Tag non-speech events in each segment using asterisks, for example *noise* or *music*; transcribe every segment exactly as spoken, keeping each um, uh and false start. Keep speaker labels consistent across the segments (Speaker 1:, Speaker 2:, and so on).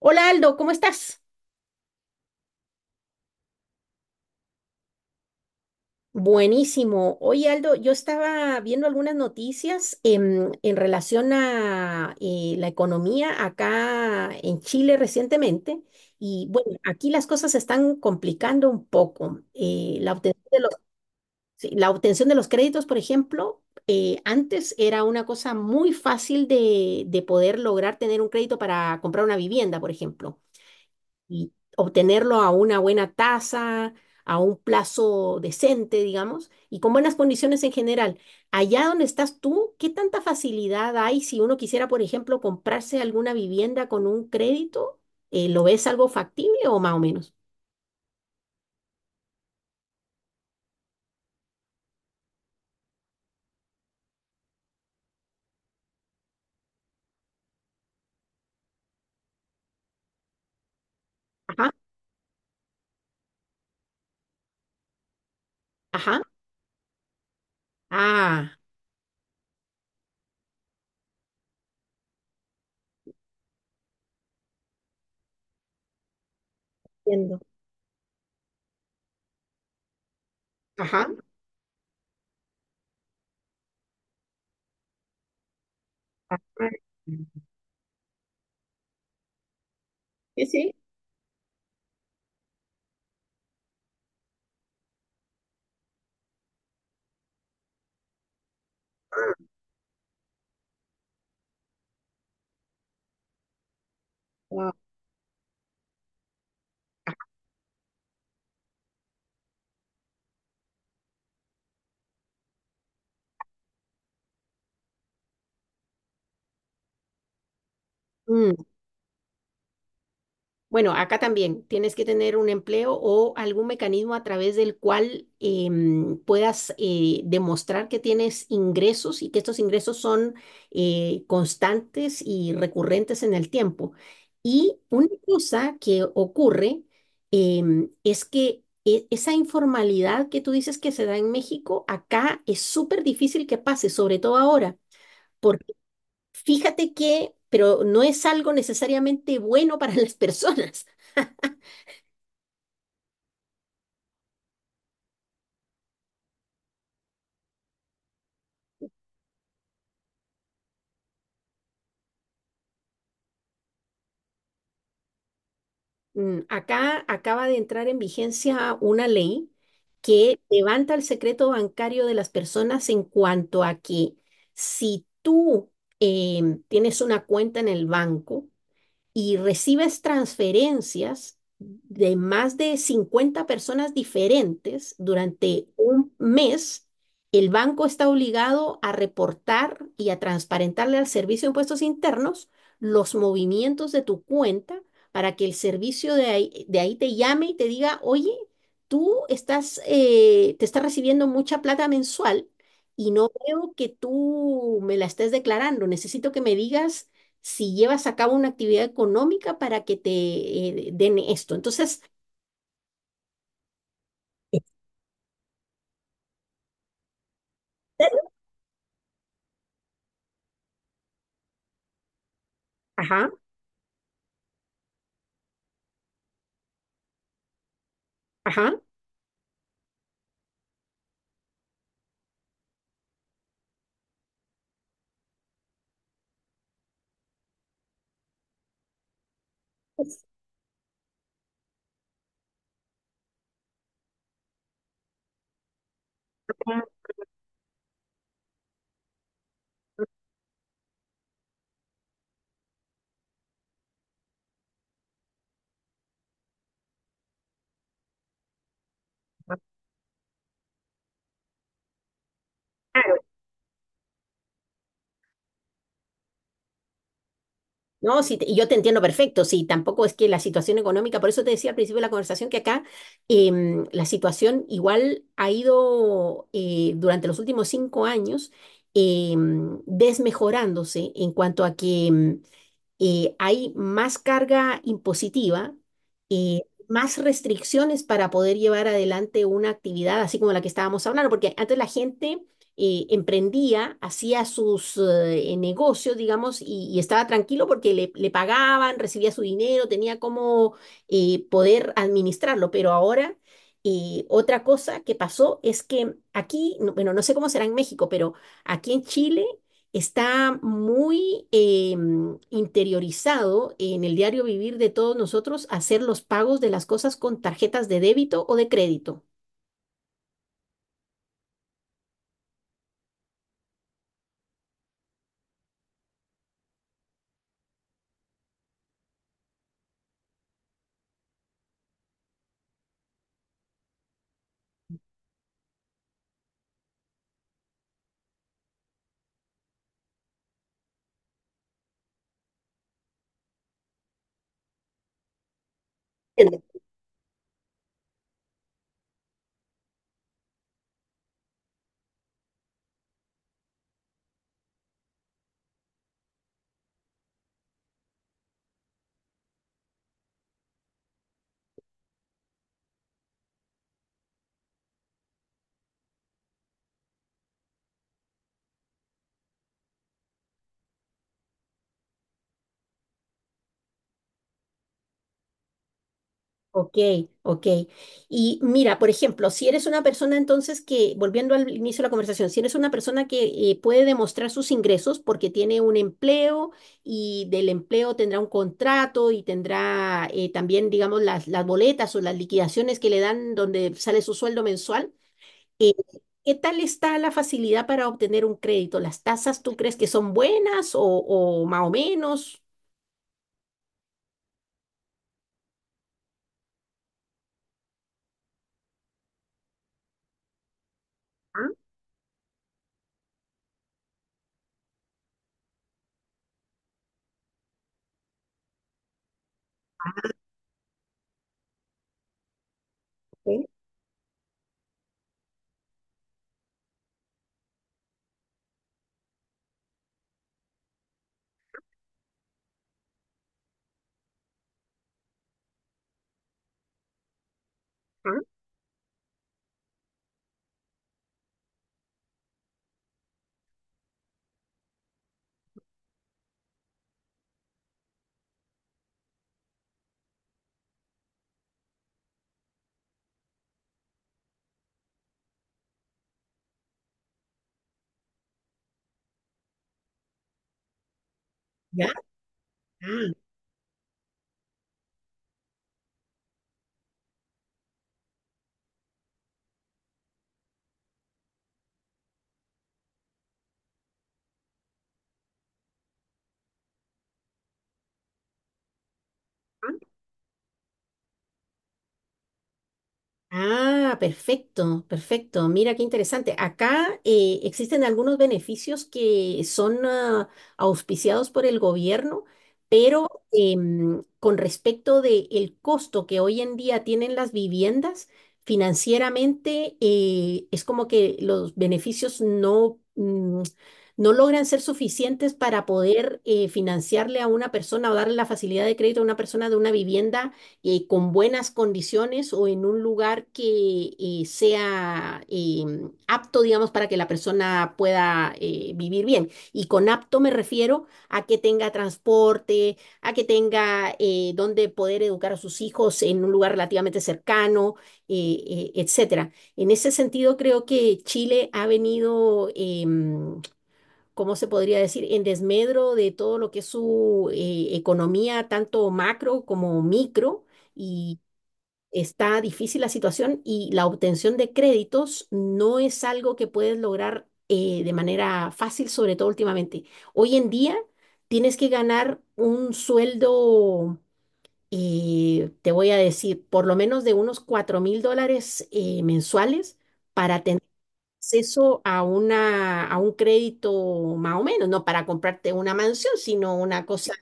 Speaker 1: Hola Aldo, ¿cómo estás? Buenísimo. Oye Aldo, yo estaba viendo algunas noticias en, en relación a eh, la economía acá en Chile recientemente y bueno, aquí las cosas se están complicando un poco. Eh, la obtención de los, sí, la obtención de los créditos, por ejemplo, eh, antes era una cosa muy fácil de, de poder lograr tener un crédito para comprar una vivienda, por ejemplo. Y obtenerlo a una buena tasa, a un plazo decente, digamos, y con buenas condiciones en general. Allá donde estás tú, ¿qué tanta facilidad hay si uno quisiera, por ejemplo, comprarse alguna vivienda con un crédito? Eh, ¿lo ves algo factible o más o menos? Ajá, ajá. Ah, entiendo. Ajá. Ah, sí, sí. Wow. Bueno, acá también tienes que tener un empleo o algún mecanismo a través del cual em, puedas eh, demostrar que tienes ingresos y que estos ingresos son eh, constantes y recurrentes en el tiempo. Y una cosa que ocurre em, es que e- esa informalidad que tú dices que se da en México, acá es súper difícil que pase, sobre todo ahora, porque fíjate que, pero no es algo necesariamente bueno para las personas. *laughs* Mm, acá acaba de entrar en vigencia una ley que levanta el secreto bancario de las personas en cuanto a que si tú em, tienes una cuenta en el banco, y recibes transferencias de más de cincuenta personas diferentes durante un mes, el banco está obligado a reportar y a transparentarle al Servicio de Impuestos Internos los movimientos de tu cuenta para que el servicio de ahí, de ahí te llame y te diga, oye, tú estás, eh, te estás recibiendo mucha plata mensual. Y no veo que tú me la estés declarando. Necesito que me digas si llevas a cabo una actividad económica para que te eh, den esto. Entonces, ajá, ajá. Ah, no, sí, te- y yo te entiendo perfecto, sí, tampoco es que la situación económica, por eso te decía al principio de la conversación que acá em, la situación igual ha ido eh, durante los últimos cinco años em, desmejorándose en cuanto a que em, eh, hay más carga impositiva, eh, más restricciones para poder llevar adelante una actividad así como la que estábamos hablando, porque antes la gente eh, emprendía, hacía sus eh, negocios, digamos, y, y estaba tranquilo porque le, le pagaban, recibía su dinero, tenía como eh, poder administrarlo. Pero ahora, eh, otra cosa que pasó es que aquí, no- bueno, no sé cómo será en México, pero aquí en Chile está muy eh, mm, interiorizado en el diario vivir de todos nosotros hacer los pagos de las cosas con tarjetas de débito o de crédito. Ok, ok. Y mira, por ejemplo, si eres una persona entonces que, volviendo al inicio de la conversación, si eres una persona que eh, puede demostrar sus ingresos porque tiene un empleo y del empleo tendrá un contrato y tendrá eh, también, digamos, las, las boletas o las liquidaciones que le dan donde sale su sueldo mensual, eh, ¿qué tal está la facilidad para obtener un crédito? ¿Las tasas tú crees que son buenas o, o más o menos? Ah, ok, ah, ya. Ah, ah, perfecto, perfecto. Mira qué interesante. Acá eh, existen algunos beneficios que son ah, auspiciados por el gobierno, pero em, con respecto del costo que hoy en día tienen las viviendas, financieramente eh, es como que los beneficios no, mm, no logran ser suficientes para poder eh, financiarle a una persona o darle la facilidad de crédito a una persona de una vivienda eh, con buenas condiciones o en un lugar que eh, sea eh, apto, digamos, para que la persona pueda eh, vivir bien. Y con apto me refiero a que tenga transporte, a que tenga eh, donde poder educar a sus hijos en un lugar relativamente cercano, eh, eh, etcétera. En ese sentido, creo que Chile ha venido em, ¿cómo se podría decir?, en desmedro de todo lo que es su eh, economía, tanto macro como micro, y está difícil la situación y la obtención de créditos no es algo que puedes lograr eh, de manera fácil, sobre todo últimamente. Hoy en día tienes que ganar un sueldo, eh, te voy a decir, por lo menos de unos cuatro mil dólares eh, mensuales para tener acceso a una, a un crédito más o menos, no para comprarte una mansión, sino una cosa.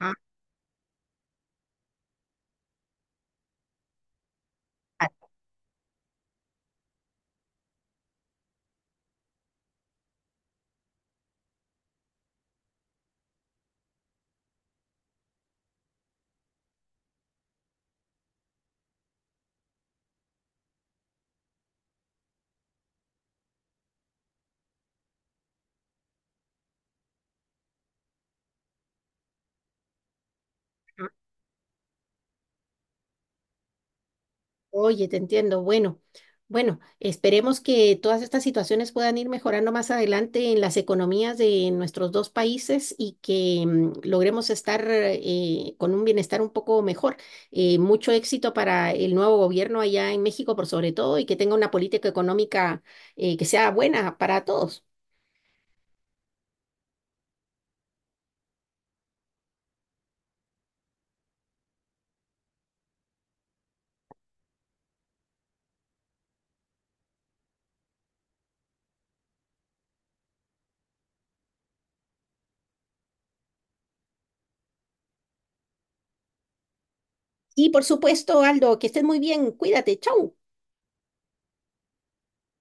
Speaker 1: Ah, ah, oye, te entiendo. Bueno, bueno, esperemos que todas estas situaciones puedan ir mejorando más adelante en las economías de nuestros dos países y que mm, logremos estar eh, con un bienestar un poco mejor. Eh, mucho éxito para el nuevo gobierno allá en México, por sobre todo, y que tenga una política económica eh, que sea buena para todos. Y por supuesto, Aldo, que estés muy bien. Cuídate. Chau.